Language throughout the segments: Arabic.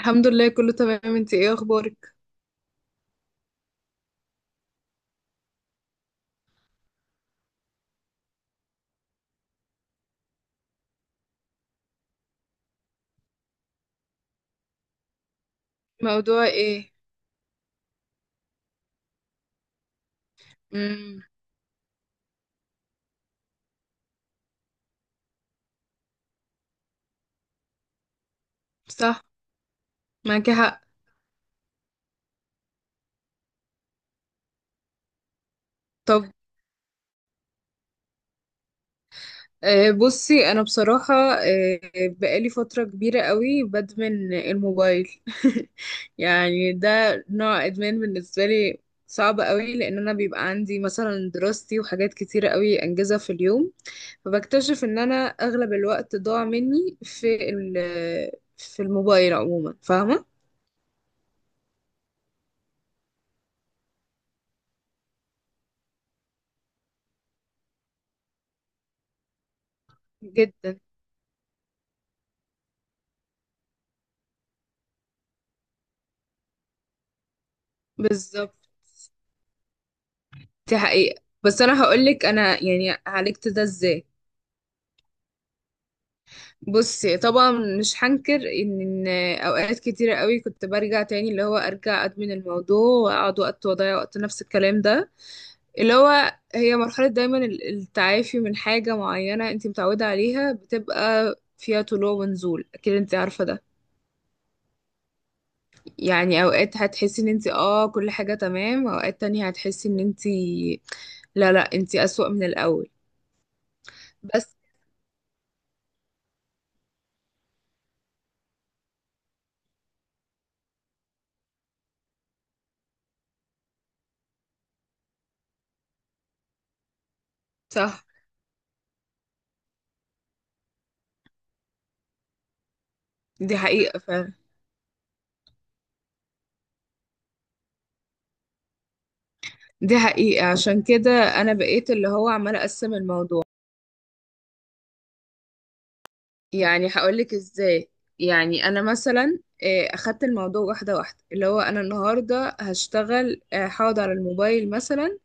الحمد لله، كله تمام. انت ايه اخبارك؟ موضوع ايه؟ امم. صح. معاكي حق. طب، بصي. انا بصراحة بقالي فترة كبيرة قوي بدمن الموبايل. يعني ده نوع ادمان بالنسبة لي، صعب قوي، لان انا بيبقى عندي مثلا دراستي وحاجات كتيرة قوي انجزها في اليوم. فبكتشف ان انا اغلب الوقت ضاع مني في في الموبايل عموما، فاهمة؟ جدا. بالظبط. دي حقيقة. بس انا هقولك انا يعني عالجت ده ازاي. بصي، طبعا مش هنكر إن اوقات كتيرة قوي كنت برجع تاني، اللي هو ارجع ادمن الموضوع واقعد وقت واضيع وقت، نفس الكلام ده. اللي هو هي مرحلة، دايما التعافي من حاجة معينة انت متعودة عليها بتبقى فيها طلوع ونزول، اكيد انت عارفة ده. يعني اوقات هتحسي ان انت اه كل حاجة تمام، اوقات تانية هتحسي ان انت لا، انت اسوأ من الاول. بس. صح. دي حقيقة فعلا. دي حقيقة، عشان كده أنا بقيت اللي هو عمالة أقسم الموضوع. يعني هقولك إزاي. يعني أنا مثلا أخدت الموضوع واحدة واحدة، اللي هو أنا النهاردة هشتغل، هقعد على الموبايل مثلا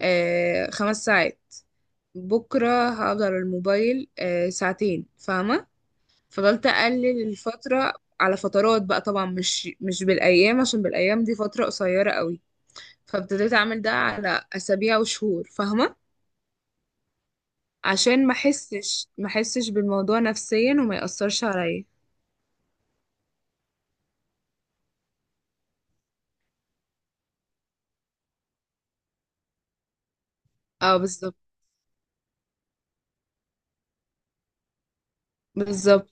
5 ساعات. بكرة هقعد على الموبايل 2 ساعة، فاهمة؟ فضلت أقلل الفترة على فترات بقى، طبعا مش بالأيام، عشان بالأيام دي فترة قصيرة قوي. فابتديت أعمل ده على أسابيع وشهور، فاهمة؟ عشان ما احسش بالموضوع نفسيا وما يأثرش عليا. اه بالظبط. بالظبط.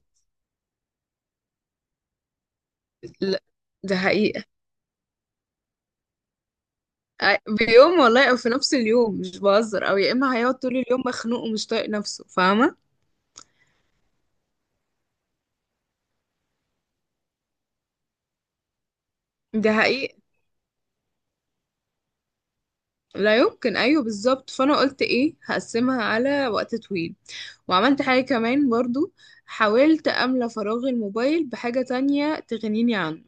لا، ده حقيقة. بيوم والله، او في نفس اليوم، مش بهزر. او يا اما هيقعد طول اليوم مخنوق ومش طايق نفسه، فاهمة؟ ده حقيقة. لا يمكن، ايوه بالظبط. فانا قلت ايه، هقسمها على وقت طويل. وعملت حاجة كمان برضو، حاولت املى فراغ الموبايل بحاجة تانية تغنيني عنه.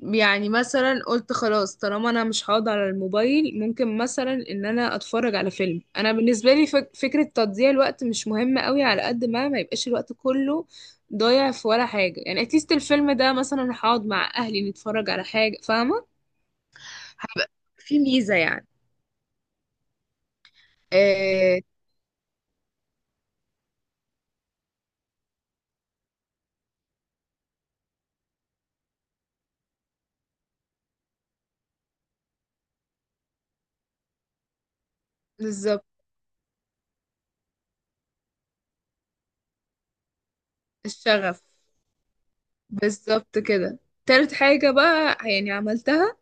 يعني مثلا قلت خلاص، طالما انا مش هقعد على الموبايل ممكن مثلا ان انا اتفرج على فيلم. انا بالنسبه لي فكره تضييع الوقت مش مهمه قوي، على قد ما ما يبقاش الوقت كله ضايع في ولا حاجه. يعني اتليست الفيلم ده، مثلا هقعد مع اهلي نتفرج على حاجه، فاهمه؟ هبقى في ميزه يعني. آه بالظبط. الشغف. بالظبط كده. تالت حاجه بقى يعني عملتها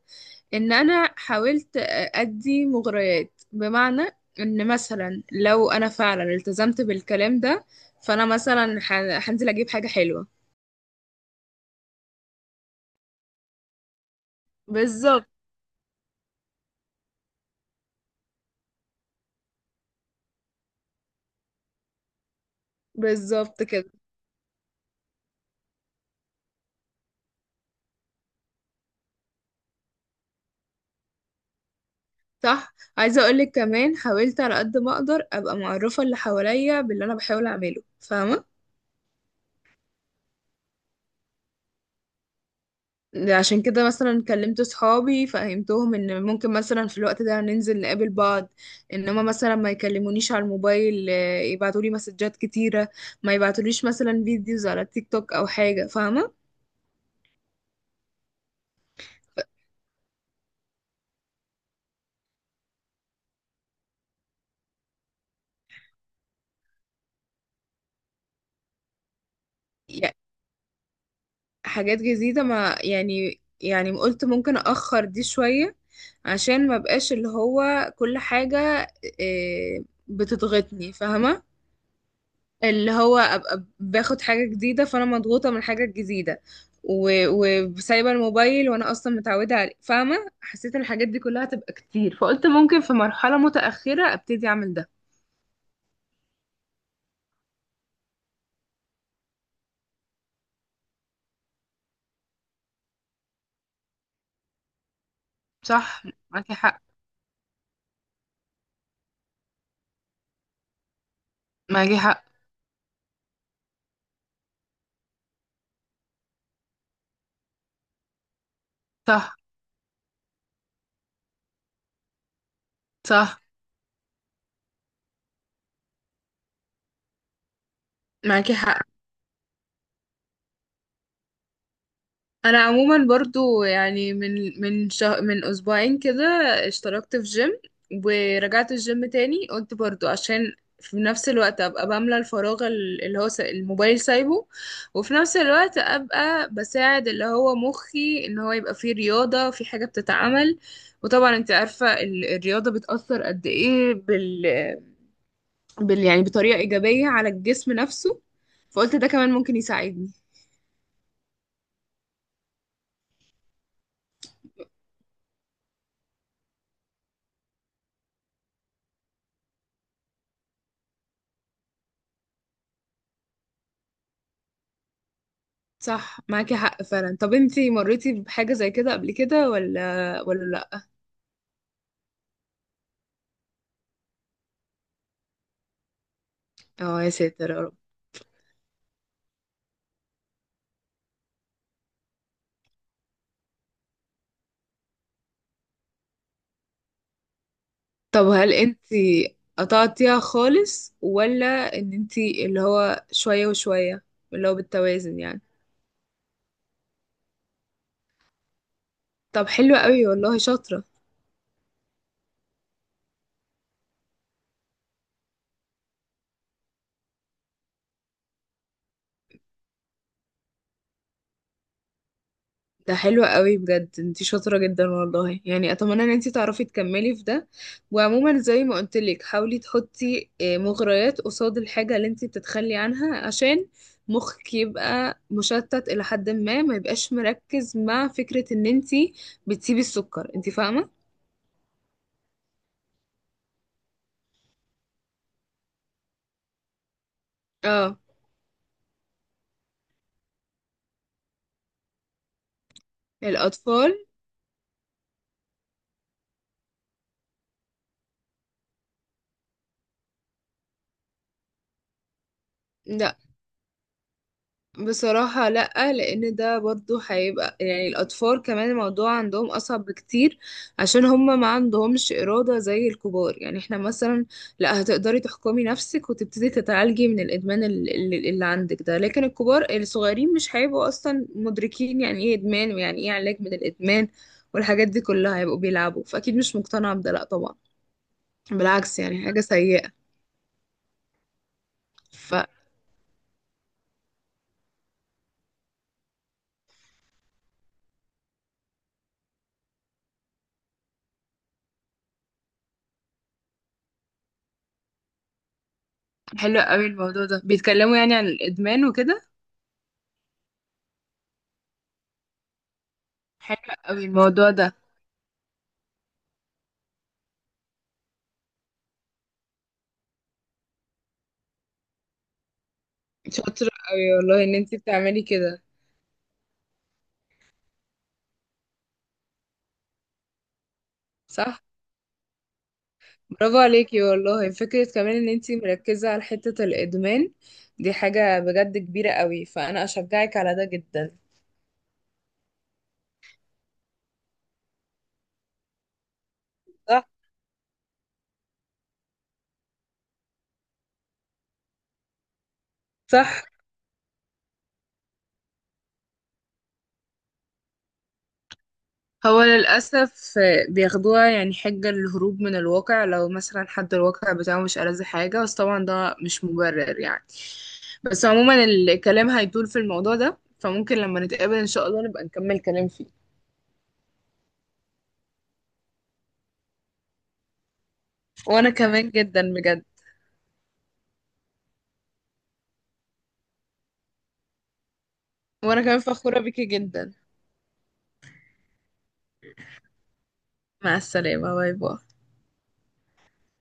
ان انا حاولت ادي مغريات، بمعنى ان مثلا لو انا فعلا التزمت بالكلام ده فانا مثلا هنزل اجيب حاجة حلوة. بالظبط. بالظبط كده. صح. عايزة اقولك كمان حاولت على قد ما اقدر ابقى معرفة اللي حواليا باللي انا بحاول اعمله، فاهمة؟ عشان كده مثلا كلمت صحابي، فهمتهم ان ممكن مثلا في الوقت ده ننزل نقابل بعض، انما مثلا ما يكلمونيش على الموبايل، يبعتوا لي مسجات كتيرة، ما يبعتوليش مثلا فيديوز على التيك توك او حاجة، فاهمة؟ يع- حاجات جديدة ما يعني، يعني قلت ممكن اخر دي شوية عشان ما بقاش اللي هو كل حاجة إيه، بتضغطني، فاهمة؟ اللي هو ابقى باخد حاجه جديده، فانا مضغوطه من الحاجه الجديده و- وسايبه الموبايل وانا اصلا متعوده عليه، فاهمه؟ حسيت ان الحاجات دي كلها هتبقى كتير، فقلت ممكن في مرحله متاخره ابتدي اعمل ده. صح. معاكي حق. معاكي حق. صح. صح. معاكي حق. انا عموما برضو يعني من 2 اسبوع كده اشتركت في جيم ورجعت الجيم تاني. قلت برضو عشان في نفس الوقت ابقى بملى الفراغ اللي هو الموبايل سايبه، وفي نفس الوقت ابقى بساعد اللي هو مخي ان هو يبقى فيه رياضة، في حاجة بتتعمل. وطبعا انت عارفة الرياضة بتأثر قد ايه يعني بطريقة ايجابية على الجسم نفسه. فقلت ده كمان ممكن يساعدني. صح معاكي حق فعلا. طب انتي مريتي بحاجة زي كده قبل كده ولا لا؟ اه يا ساتر يا رب. طب هل انتي قطعتيها خالص، ولا ان انتي اللي هو شوية وشوية، اللي هو بالتوازن يعني؟ طب حلو قوي والله، شاطرة. ده حلو قوي بجد، انتي شاطرة جدا والله، يعني اتمنى ان انتي تعرفي تكملي في ده. وعموما زي ما قلتلك حاولي تحطي مغريات قصاد الحاجة اللي انتي بتتخلي عنها، عشان مخك يبقى مشتت الى حد ما، ما يبقاش مركز مع فكرة ان انتي بتسيبي السكر، انتي فاهمة؟ اه. الاطفال؟ لا بصراحة، لأ. لأن ده برضو هيبقى يعني الأطفال كمان الموضوع عندهم أصعب بكتير، عشان هما ما عندهمش إرادة زي الكبار. يعني احنا مثلا لأ، هتقدري تحكمي نفسك وتبتدي تتعالجي من الإدمان اللي عندك ده، لكن الكبار الصغيرين مش هيبقوا أصلا مدركين يعني إيه إدمان ويعني إيه علاج من الإدمان والحاجات دي كلها، هيبقوا بيلعبوا. فأكيد مش مقتنعة بده، لأ طبعا. بالعكس يعني، حاجة سيئة. فحلو قوي الموضوع ده، بيتكلموا يعني عن الادمان وكده. حلو قوي الموضوع ده. شاطرة قوي والله ان انتي بتعملي كده. صح. برافو عليكي والله. فكرة كمان ان انتي مركزة على حتة الادمان دي حاجة بجد كبيرة قوي، فانا اشجعك على ده جدا. صح. صح. هو للأسف بياخدوها يعني حجة للهروب من الواقع، لو مثلا حد الواقع بتاعه مش ألذ حاجة، بس طبعا ده مش مبرر يعني. بس عموما الكلام هيطول في الموضوع ده، فممكن لما نتقابل إن شاء الله نبقى نكمل كلام فيه. وأنا كمان جدا بجد. وأنا كمان فخورة بيكي جدا. مع السلامة. باي باي.